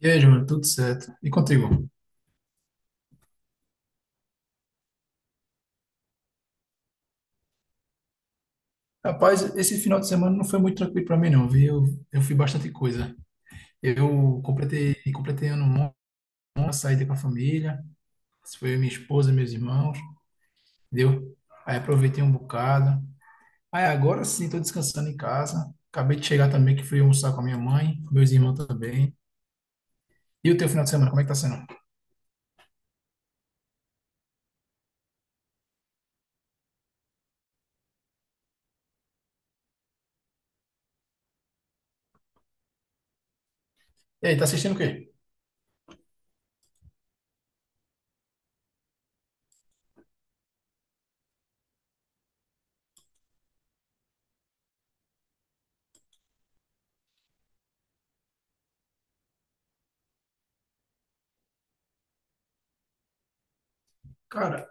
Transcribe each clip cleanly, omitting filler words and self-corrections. E aí, Júnior, tudo certo? E contigo? Rapaz, esse final de semana não foi muito tranquilo para mim, não, viu? Eu fiz bastante coisa. Eu completei ano bom, uma saída com a família. Isso foi eu, minha esposa, meus irmãos, entendeu? Aí aproveitei um bocado. Aí agora sim, tô descansando em casa. Acabei de chegar também, que fui almoçar com a minha mãe, meus irmãos também. E o teu final de semana, como é que tá sendo? E aí, tá assistindo o quê? Cara?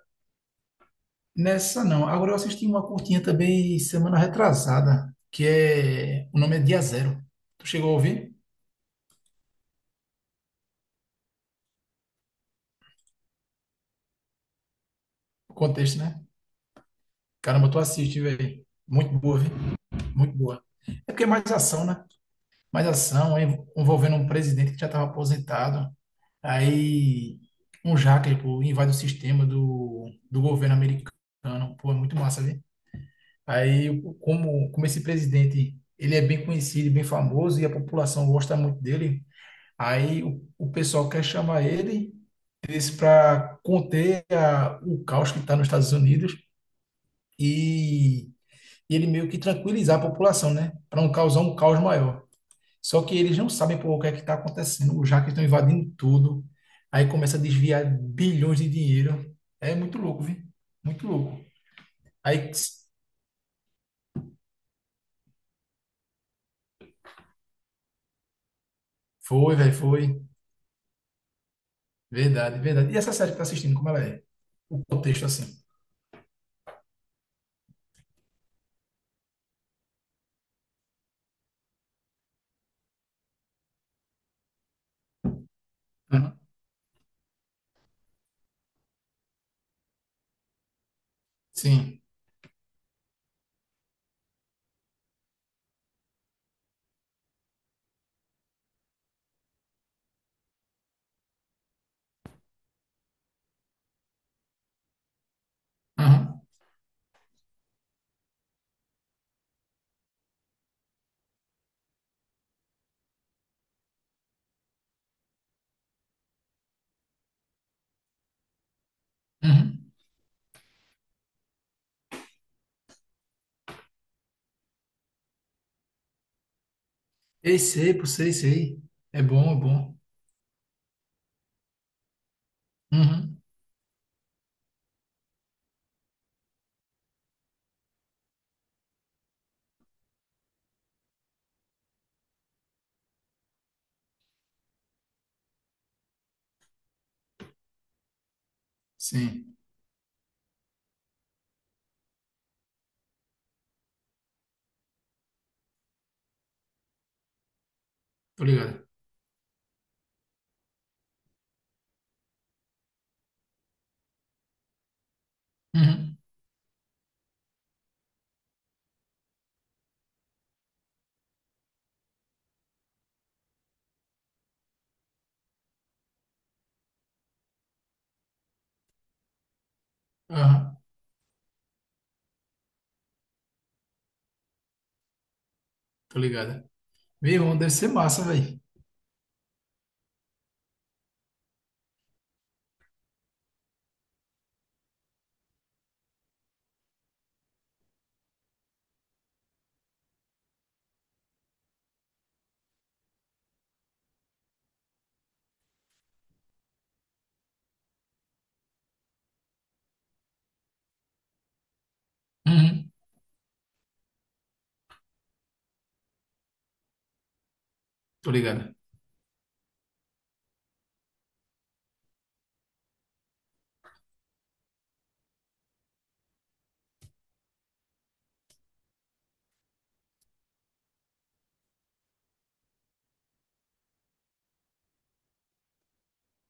Nessa não. Agora eu assisti uma curtinha também semana retrasada, que é. O nome é Dia Zero. Tu chegou a ouvir? O contexto, né? Caramba, tu assiste, velho. Muito boa, viu? Muito boa. É porque é mais ação, né? Mais ação, é envolvendo um presidente que já estava aposentado. Aí um hacker, pô, invade o sistema do governo americano. Pô, é muito massa, viu? Aí, como esse presidente, ele é bem conhecido, e bem famoso, e a população gosta muito dele. Aí o pessoal quer chamar ele, disse para conter a- o caos que está nos Estados Unidos e, ele meio que tranquilizar a população, né? Para não causar um caos maior. Só que eles não sabem por o que é que está acontecendo, já que estão invadindo tudo. Aí começa a desviar bilhões de dinheiro. É muito louco, viu? Muito louco. Aí foi, velho, foi. Verdade, verdade. E essa série que tá assistindo, como ela é? O contexto assim. Uhum. Sim. Uhum. Uhum. Ei, sei, pô, sei, sei. É bom, é bom. Uhum. Sim, tô ligado. Uhum. Aham, tô ligado. Meu irmão, deve ser massa, velho. Uhum. Tô ligado.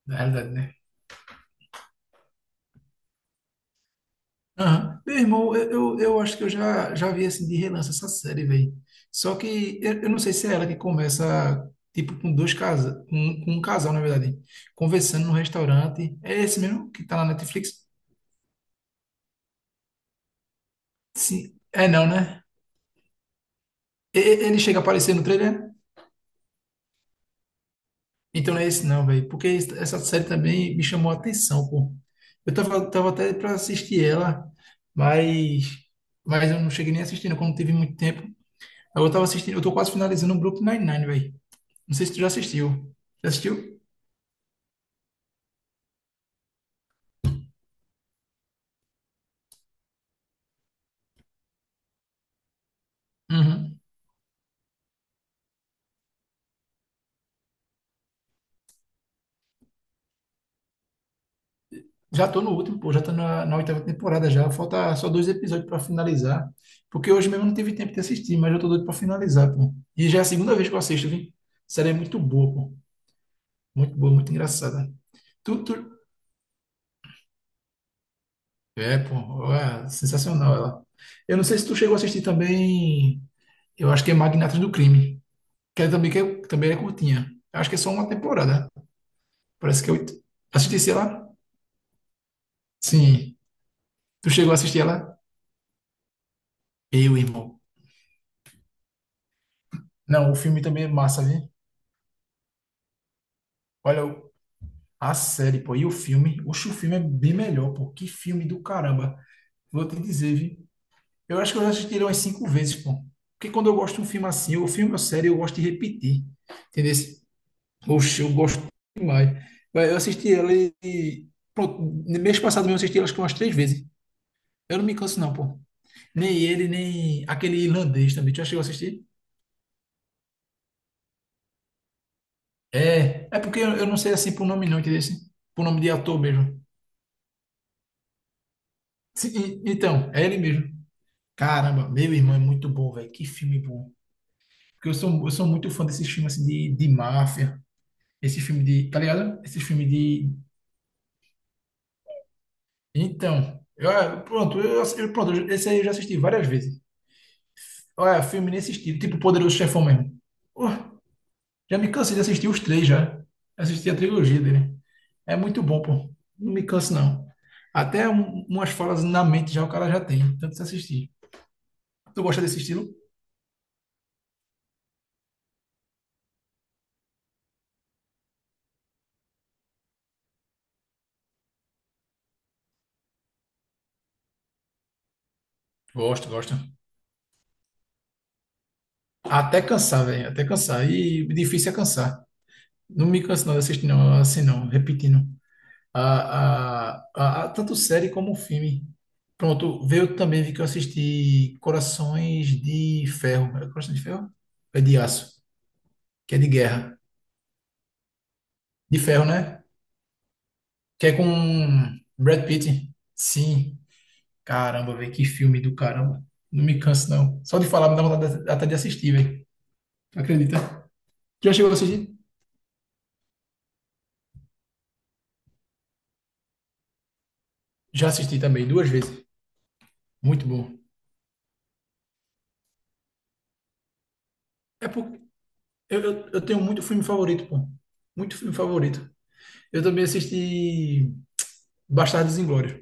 Na realidade, né? Aham. Meu irmão, eu acho que eu já vi, assim, de relance essa série, velho. Só que eu não sei se é ela que começa, tipo, com dois casas, com um casal, na verdade, conversando no restaurante. É esse mesmo que tá na Netflix? Sim. É não, né? E- ele chega a aparecer no trailer? Então não é esse não, velho. Porque es- essa série também me chamou a atenção, pô. Eu tava até pra assistir ela, mas, mas eu não cheguei nem assistindo, como teve muito tempo. Aí eu tava assistindo, eu tô quase finalizando o Brooklyn Nine-Nine, velho. Não sei se tu já assistiu. Já assistiu? Uhum. Já tô no último, pô. Já tô na oitava temporada já. Falta só dois episódios pra finalizar. Porque hoje mesmo eu não tive tempo de assistir, mas eu tô doido pra finalizar, pô. E já é a segunda vez que eu assisto, viu? A série é muito boa, pô. Muito boa, muito engraçada. Tu, tu, É, pô, é sensacional ela. Eu não sei se tu chegou a assistir também, eu acho que é Magnatas do Crime, que é- também é curtinha. Acho que é só uma temporada. Parece que é oito. Assistisse ela? Sim. Tu chegou a assistir ela? Eu, irmão. Não, o filme também é massa, viu? Olha, o- a série, pô, e o filme? Oxe, o filme é bem melhor, pô. Que filme do caramba. Vou te dizer, viu? Eu acho que eu já assisti ele umas 5 vezes, pô. Porque quando eu gosto de um filme assim, ou filme ou série, eu gosto de repetir. Entendeu? Oxe, eu gosto demais. Vai, eu assisti ela e. Pronto, no mês passado mesmo eu assisti ela acho que umas 3 vezes. Eu não me canso, não, pô. Nem ele, nem aquele irlandês também. Tu já chegou a assistir? É, é porque eu não sei assim por nome, não, entendeu? Assim, por nome de ator mesmo. Sim, e- então, é ele mesmo. Caramba, meu irmão é muito bom, velho. Que filme bom. Porque eu sou muito fã desses filmes assim, de máfia. Esse filme de. Tá ligado? Esse filme de. Então. Eu- pronto, Esse aí eu já assisti várias vezes. Olha, filme nesse estilo, tipo Poderoso Chefão mesmo. Uh, já me cansei de assistir os três já. Assisti a trilogia dele. É muito bom, pô. Não me canso, não. Até um- umas falas na mente já o cara já tem, tanto se assistir. Tu gosta desse estilo? Gosto, gosto. Até cansar, velho, até cansar. E difícil é cansar. Não me canso não de assistir, não, assim não, repetindo. Tanto série como filme. Pronto, veio também, vi que eu assisti Corações de Ferro. É Corações de Ferro? É de aço, que é de guerra. De ferro, né? Que é com Brad Pitt. Sim. Caramba, velho, que filme do caramba. Não me canso, não. Só de falar, me dá vontade até de assistir, velho. Tu acredita? Já chegou a assistir? Já assisti também, 2 vezes. Muito bom. É porque eu tenho muito filme favorito, pô. Muito filme favorito. Eu também assisti Bastardos Inglórios.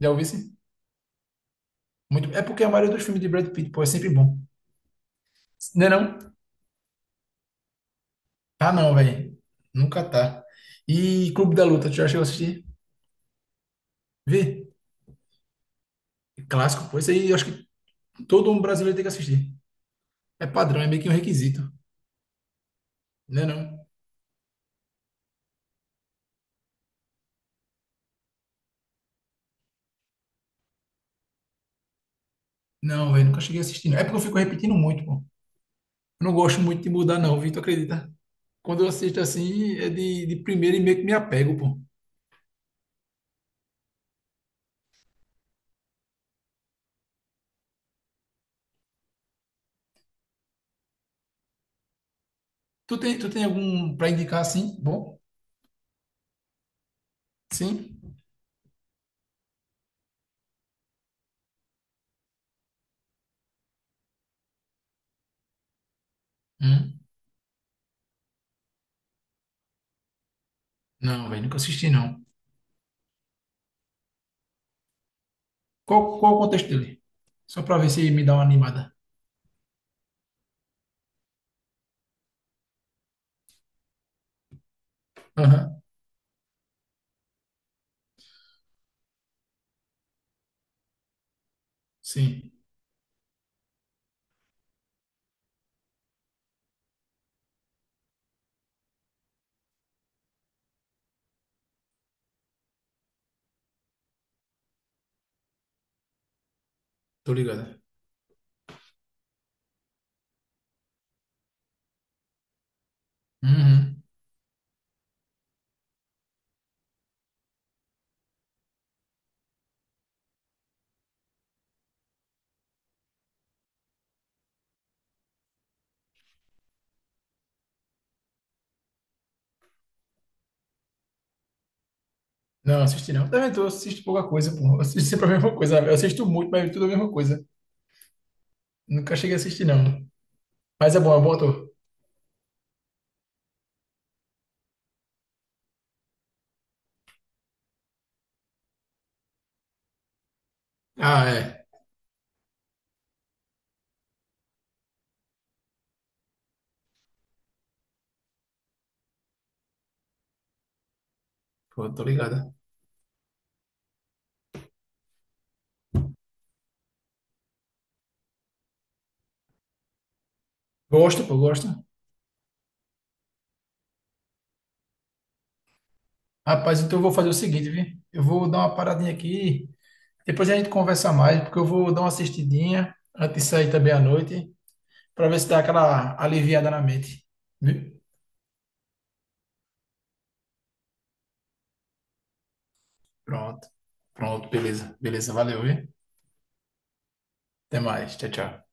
Já ouvi sim? Muito. É porque a maioria dos filmes de Brad Pitt, pô, é sempre bom. Não é não? Ah, não, velho. Nunca tá. E Clube da Luta, tu já chegou a assistir? Vê? Clássico, pô. Isso aí eu acho que todo um brasileiro tem que assistir. É padrão, é meio que um requisito. Não é não? Não, velho, nunca cheguei a assistir. Não. É porque eu fico repetindo muito, pô. Eu não gosto muito de mudar, não, Vitor, acredita? Quando eu assisto assim, é de primeira e meio que me apego, pô. Tu tem algum pra indicar assim? Bom? Sim? Hum? Não, velho, nunca assisti, não. Qual o contexto dele? Só pra ver se me dá uma animada. Aham, sim, tô ligado. Uhum. Não, assisti não. Também tô, assisto pouca coisa, pô. Eu assisto sempre a mesma coisa. Eu assisto muito, mas tudo a mesma coisa. Nunca cheguei a assistir, não. Mas é bom ator. Ah, é. Pô, tô ligado. Gosto, pô, gosto. Rapaz, então eu vou fazer o seguinte, viu? Eu vou dar uma paradinha aqui. Depois a gente conversa mais, porque eu vou dar uma assistidinha antes de sair também à noite, pra ver se dá aquela aliviada na mente. Viu? Pronto. Pronto, beleza. Beleza, valeu, viu? Até mais. Tchau, tchau.